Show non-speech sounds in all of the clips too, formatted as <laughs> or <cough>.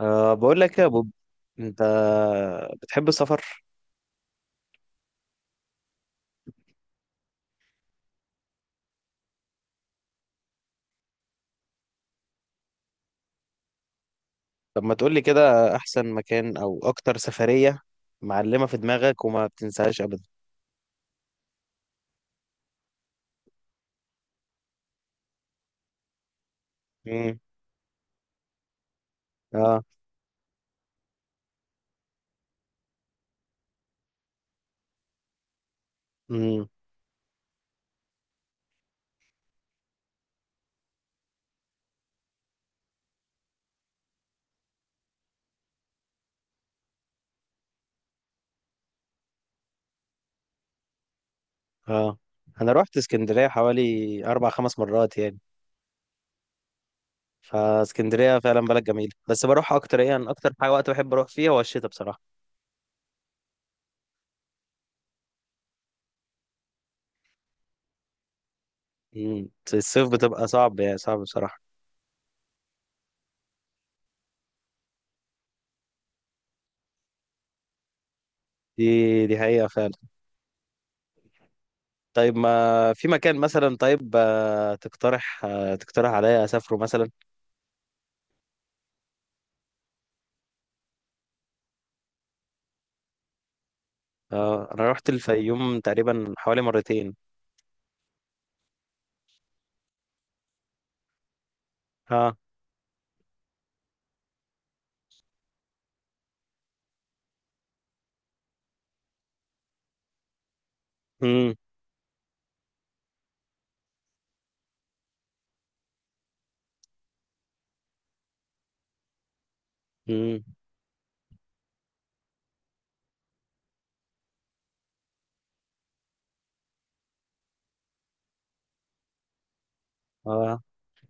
بقول لك يا بوب، انت بتحب السفر؟ طب ما تقول لي كده احسن مكان او اكتر سفرية معلمة في دماغك وما بتنساهاش ابدا. امم. اه. امم. اه، انا رحت اسكندرية حوالي اربع خمس مرات يعني، فاسكندرية فعلا بلد جميلة، بس بروح اكتر ايه، انا اكتر حاجة وقت بحب اروح فيها هو الشتاء بصراحة. امم. الصيف بتبقى صعب، يعني صعب بصراحة. دي حقيقة فعلا. طيب، ما في مكان مثلا، طيب، تقترح عليا اسافره مثلا؟ اه، انا رحت الفيوم تقريبا حوالي مرتين. اه. امم. امم. اه.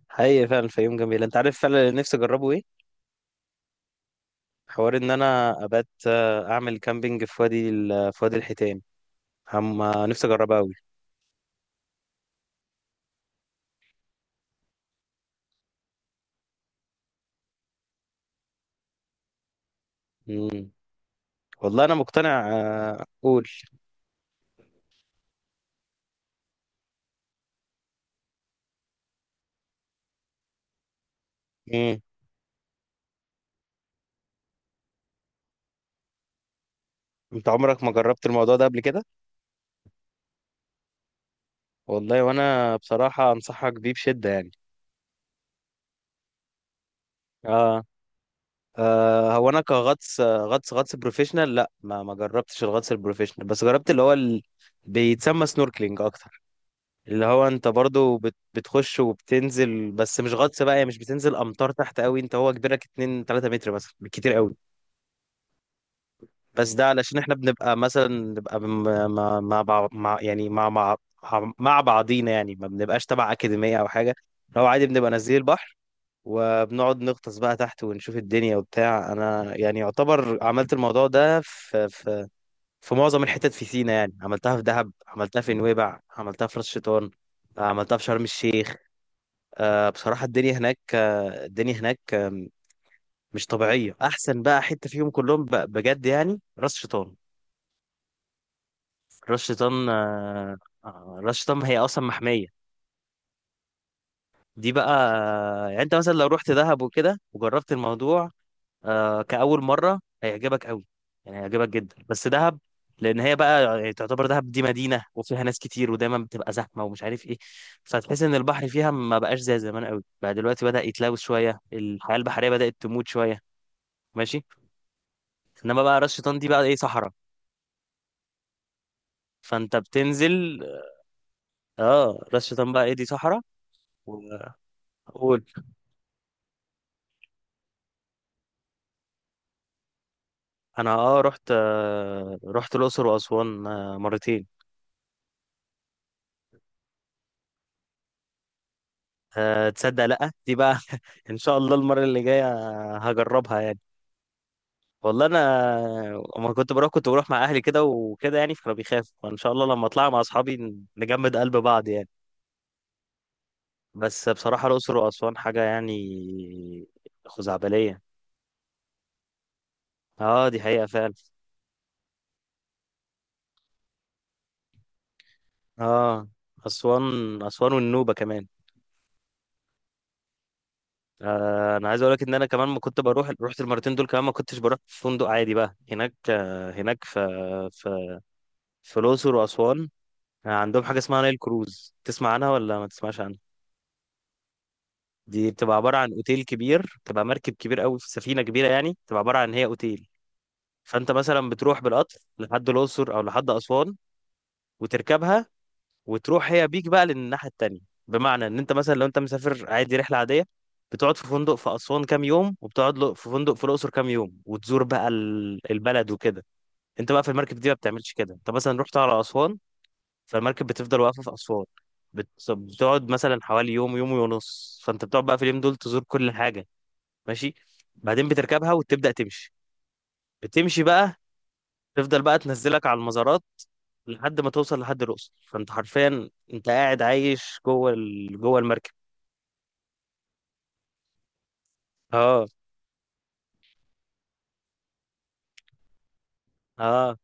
حقيقي فعلا الفيوم جميل، انت عارف فعلا اللي نفسي اجربه ايه؟ حوار ان انا ابات اعمل كامبينج في في وادي الحيتان. هم، نفسي اجربها قوي. امم. والله انا مقتنع، قول. امم. انت عمرك ما جربت الموضوع ده قبل كده؟ والله وانا بصراحة انصحك بيه بشدة يعني. اه. هو انا كغطس، غطس بروفيشنال لا، ما جربتش الغطس البروفيشنال، بس جربت اللي هو ال... بيتسمى سنوركلينج اكتر. اللي هو انت برضو بتخش وبتنزل، بس مش غطس بقى يعني، مش بتنزل امتار تحت قوي، انت هو كبيرك 2 3 متر مثلا بالكتير قوي. بس ده علشان احنا بنبقى مثلا مع مع بعض- مع يعني مع مع مع بعضينا يعني، ما بنبقاش تبع اكاديميه او حاجه، لو عادي بنبقى نازلين البحر وبنقعد نغطس بقى تحت ونشوف الدنيا وبتاع. انا يعني يعتبر عملت الموضوع ده في في معظم الحتت في سينا يعني، عملتها في دهب، عملتها في نويبع، عملتها في راس شيطان، عملتها في شرم الشيخ. بصراحة الدنيا هناك مش طبيعية. احسن بقى حتة فيهم كلهم بجد يعني راس شيطان. راس شيطان آه، راس شيطان هي اصلا محمية دي بقى. يعني انت مثلا لو رحت دهب وكده وجربت الموضوع كأول مرة هيعجبك قوي، يعني هيعجبك جدا، بس دهب لأن هي بقى يعني تعتبر، دهب دي مدينة وفيها ناس كتير ودايما بتبقى زحمة ومش عارف إيه، فتحس إن البحر فيها ما بقاش زي زمان قوي، بقى دلوقتي بدأ يتلوث شوية، الحياة البحرية بدأت تموت شوية. ماشي. إنما بقى راس شيطان دي بقى إيه، صحراء. فأنت بتنزل. راس شيطان بقى إيه، دي صحراء. وأقول، أنا رحت الأقصر وأسوان مرتين. أه، تصدق، لأ دي بقى <laughs> إن شاء الله المرة اللي جاية هجربها يعني. والله أنا، أما كنت بروح مع أهلي كده وكده يعني، فكانوا بيخافوا، فإن شاء الله لما أطلع مع أصحابي نجمد قلب بعض يعني. بس بصراحة الأقصر وأسوان حاجة يعني خزعبلية. اه دي حقيقة فعلا. اه، أسوان، أسوان والنوبة كمان. أنا عايز أقول لك إن أنا كمان ما كنت بروح، رحت المرتين دول كمان ما كنتش بروح في فندق عادي بقى هناك، هناك في في الأقصر وأسوان عندهم حاجة اسمها نايل كروز، تسمع عنها ولا ما تسمعش عنها؟ دي بتبقى عبارة عن اوتيل كبير، بتبقى مركب كبير قوي، في سفينة كبيرة يعني، بتبقى عبارة عن هي اوتيل. فانت مثلا بتروح بالقطر لحد الأقصر او لحد أسوان وتركبها، وتروح هي بيك بقى للناحية التانية. بمعنى ان انت مثلا لو انت مسافر عادي رحلة عادية، بتقعد في فندق في أسوان كام يوم، وبتقعد في فندق في الأقصر كام يوم، وتزور بقى البلد وكده. انت بقى في المركب دي ما بتعملش كده، انت مثلا رحت على أسوان، فالمركب بتفضل واقفه في اسوان، بتقعد مثلا حوالي يوم يوم ونص، فانت بتقعد بقى في اليوم دول تزور كل حاجه. ماشي. بعدين بتركبها وتبدا تمشي، بتمشي بقى، تفضل بقى تنزلك على المزارات لحد ما توصل لحد الاقصر. فانت حرفيا انت قاعد عايش جوه ال... جوه المركب. اه. اه،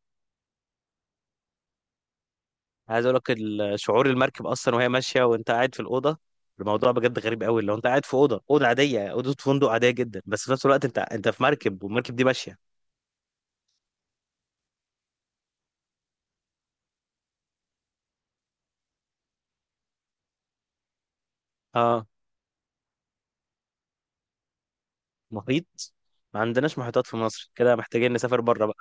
عايز اقول لك شعور المركب اصلا وهي ماشيه وانت قاعد في الاوضه، الموضوع بجد غريب قوي. لو انت قاعد في اوضه، اوضه عاديه اوضه فندق عاديه جدا، بس في نفس الوقت انت في مركب والمركب دي ماشيه. اه. محيط. ما عندناش محيطات في مصر كده، محتاجين نسافر بره بقى.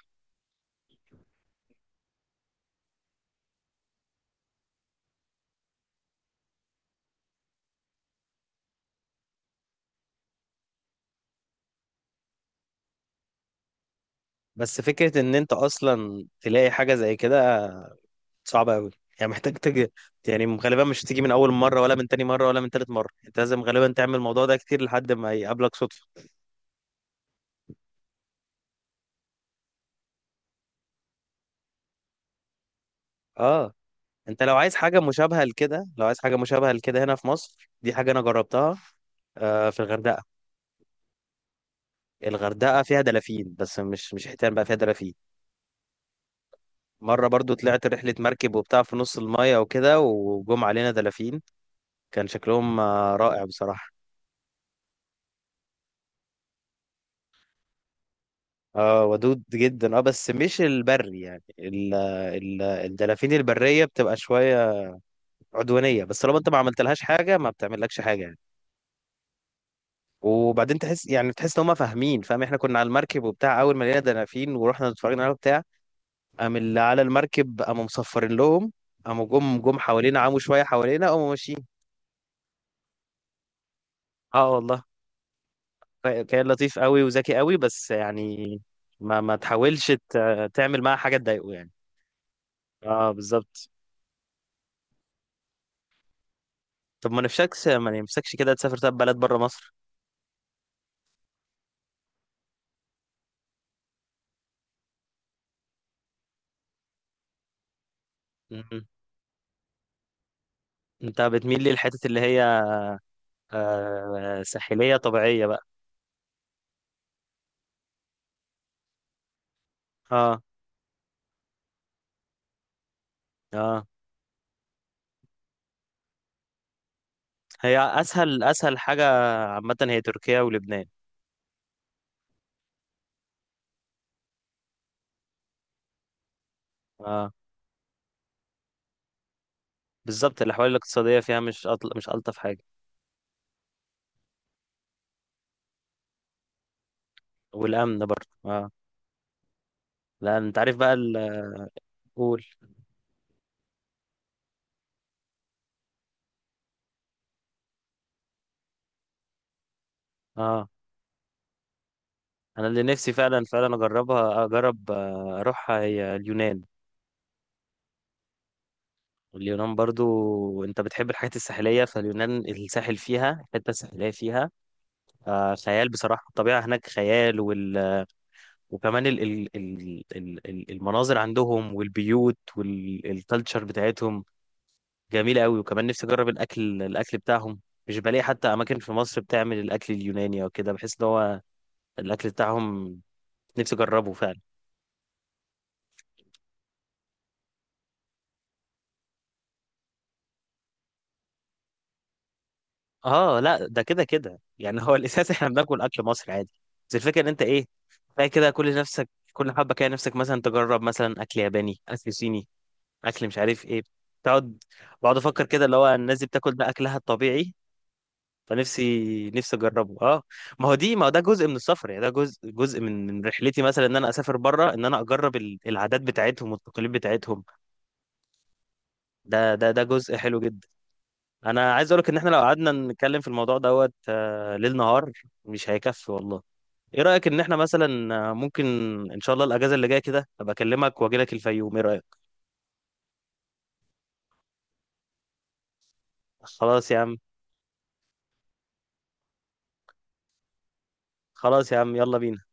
بس فكرة ان انت اصلا تلاقي حاجة زي كده صعبة قوي يعني، محتاج تجي، يعني غالبا مش هتيجي من اول مرة ولا من تاني مرة ولا من تالت مرة، انت لازم غالبا تعمل الموضوع ده كتير لحد ما يقابلك صدفة. اه. انت لو عايز حاجة مشابهة لكده، لو عايز حاجة مشابهة لكده هنا في مصر، دي حاجة انا جربتها في الغردقة. الغردقة فيها دلافين، بس مش حيتان بقى، فيها دلافين. مرة برضو طلعت رحلة مركب وبتاع، في نص المايه وكده وجم علينا دلافين، كان شكلهم رائع بصراحة. اه، ودود جدا اه، بس مش البري يعني، ال الدلافين البرية بتبقى شوية عدوانية، بس طالما انت ما عملتلهاش حاجة ما بتعملكش حاجة يعني. وبعدين تحس، يعني تحس ان هم فاهمين، فاهم، احنا كنا على المركب وبتاع، اول ما لقينا دلافين ورحنا اتفرجنا عليها وبتاع، قام اللي على المركب قاموا مصفرين لهم، قاموا جم حوالينا، عموا شوية حوالينا، قاموا ماشيين. اه والله، كان لطيف قوي وذكي قوي، بس يعني ما تحاولش تعمل معاه حاجة تضايقه يعني. اه بالظبط. طب ما نفسكش كده تسافر طب بلد بره مصر؟ مم. انت بتميل للحتت اللي هي ساحلية طبيعية بقى. اه. اه، هي اسهل حاجة عامة، هي تركيا ولبنان. اه بالظبط، الاحوال الاقتصادية فيها مش الطف حاجة. والامن برضه اه. لان انت عارف بقى قول. اه، انا اللي نفسي فعلا فعلا اجربها، اجرب آه، اروحها هي اليونان. اليونان برضو انت بتحب الحاجات الساحلية، فاليونان الساحل فيها، الحتة الساحلية فيها خيال بصراحة. الطبيعة هناك خيال، وكمان المناظر عندهم والبيوت والكالتشر بتاعتهم جميلة قوي. وكمان نفسي أجرب الأكل بتاعهم. مش بلاقي حتى أماكن في مصر بتعمل الأكل اليوناني أو كده، بحس إن هو الأكل بتاعهم نفسي أجربه فعلا. لا، ده كده كده يعني هو <laughs> الأساس إحنا بناكل أكل مصري عادي، بس الفكرة إن أنت إيه بقى كده كل نفسك، كل حبة كده نفسك مثلا تجرب، مثلا أكل ياباني، أكل صيني، اكل مش عارف ايه. تقعد بقعد افكر كده اللي هو الناس دي بتاكل ده اكلها الطبيعي. فنفسي اجربه اه. ما هو ده جزء من السفر يعني، ده جزء من رحلتي مثلا ان انا اسافر بره، ان انا اجرب العادات بتاعتهم والتقاليد بتاعتهم. ده جزء حلو جدا. انا عايز اقولك ان احنا لو قعدنا نتكلم في الموضوع دوت، ليل نهار مش هيكفي والله. ايه رايك ان احنا مثلا ممكن ان شاء الله الاجازه اللي جايه كده ابقى اكلمك واجي لك الفيوم؟ ايه رايك؟ خلاص يا عم. خلاص يا عم، يلا بينا.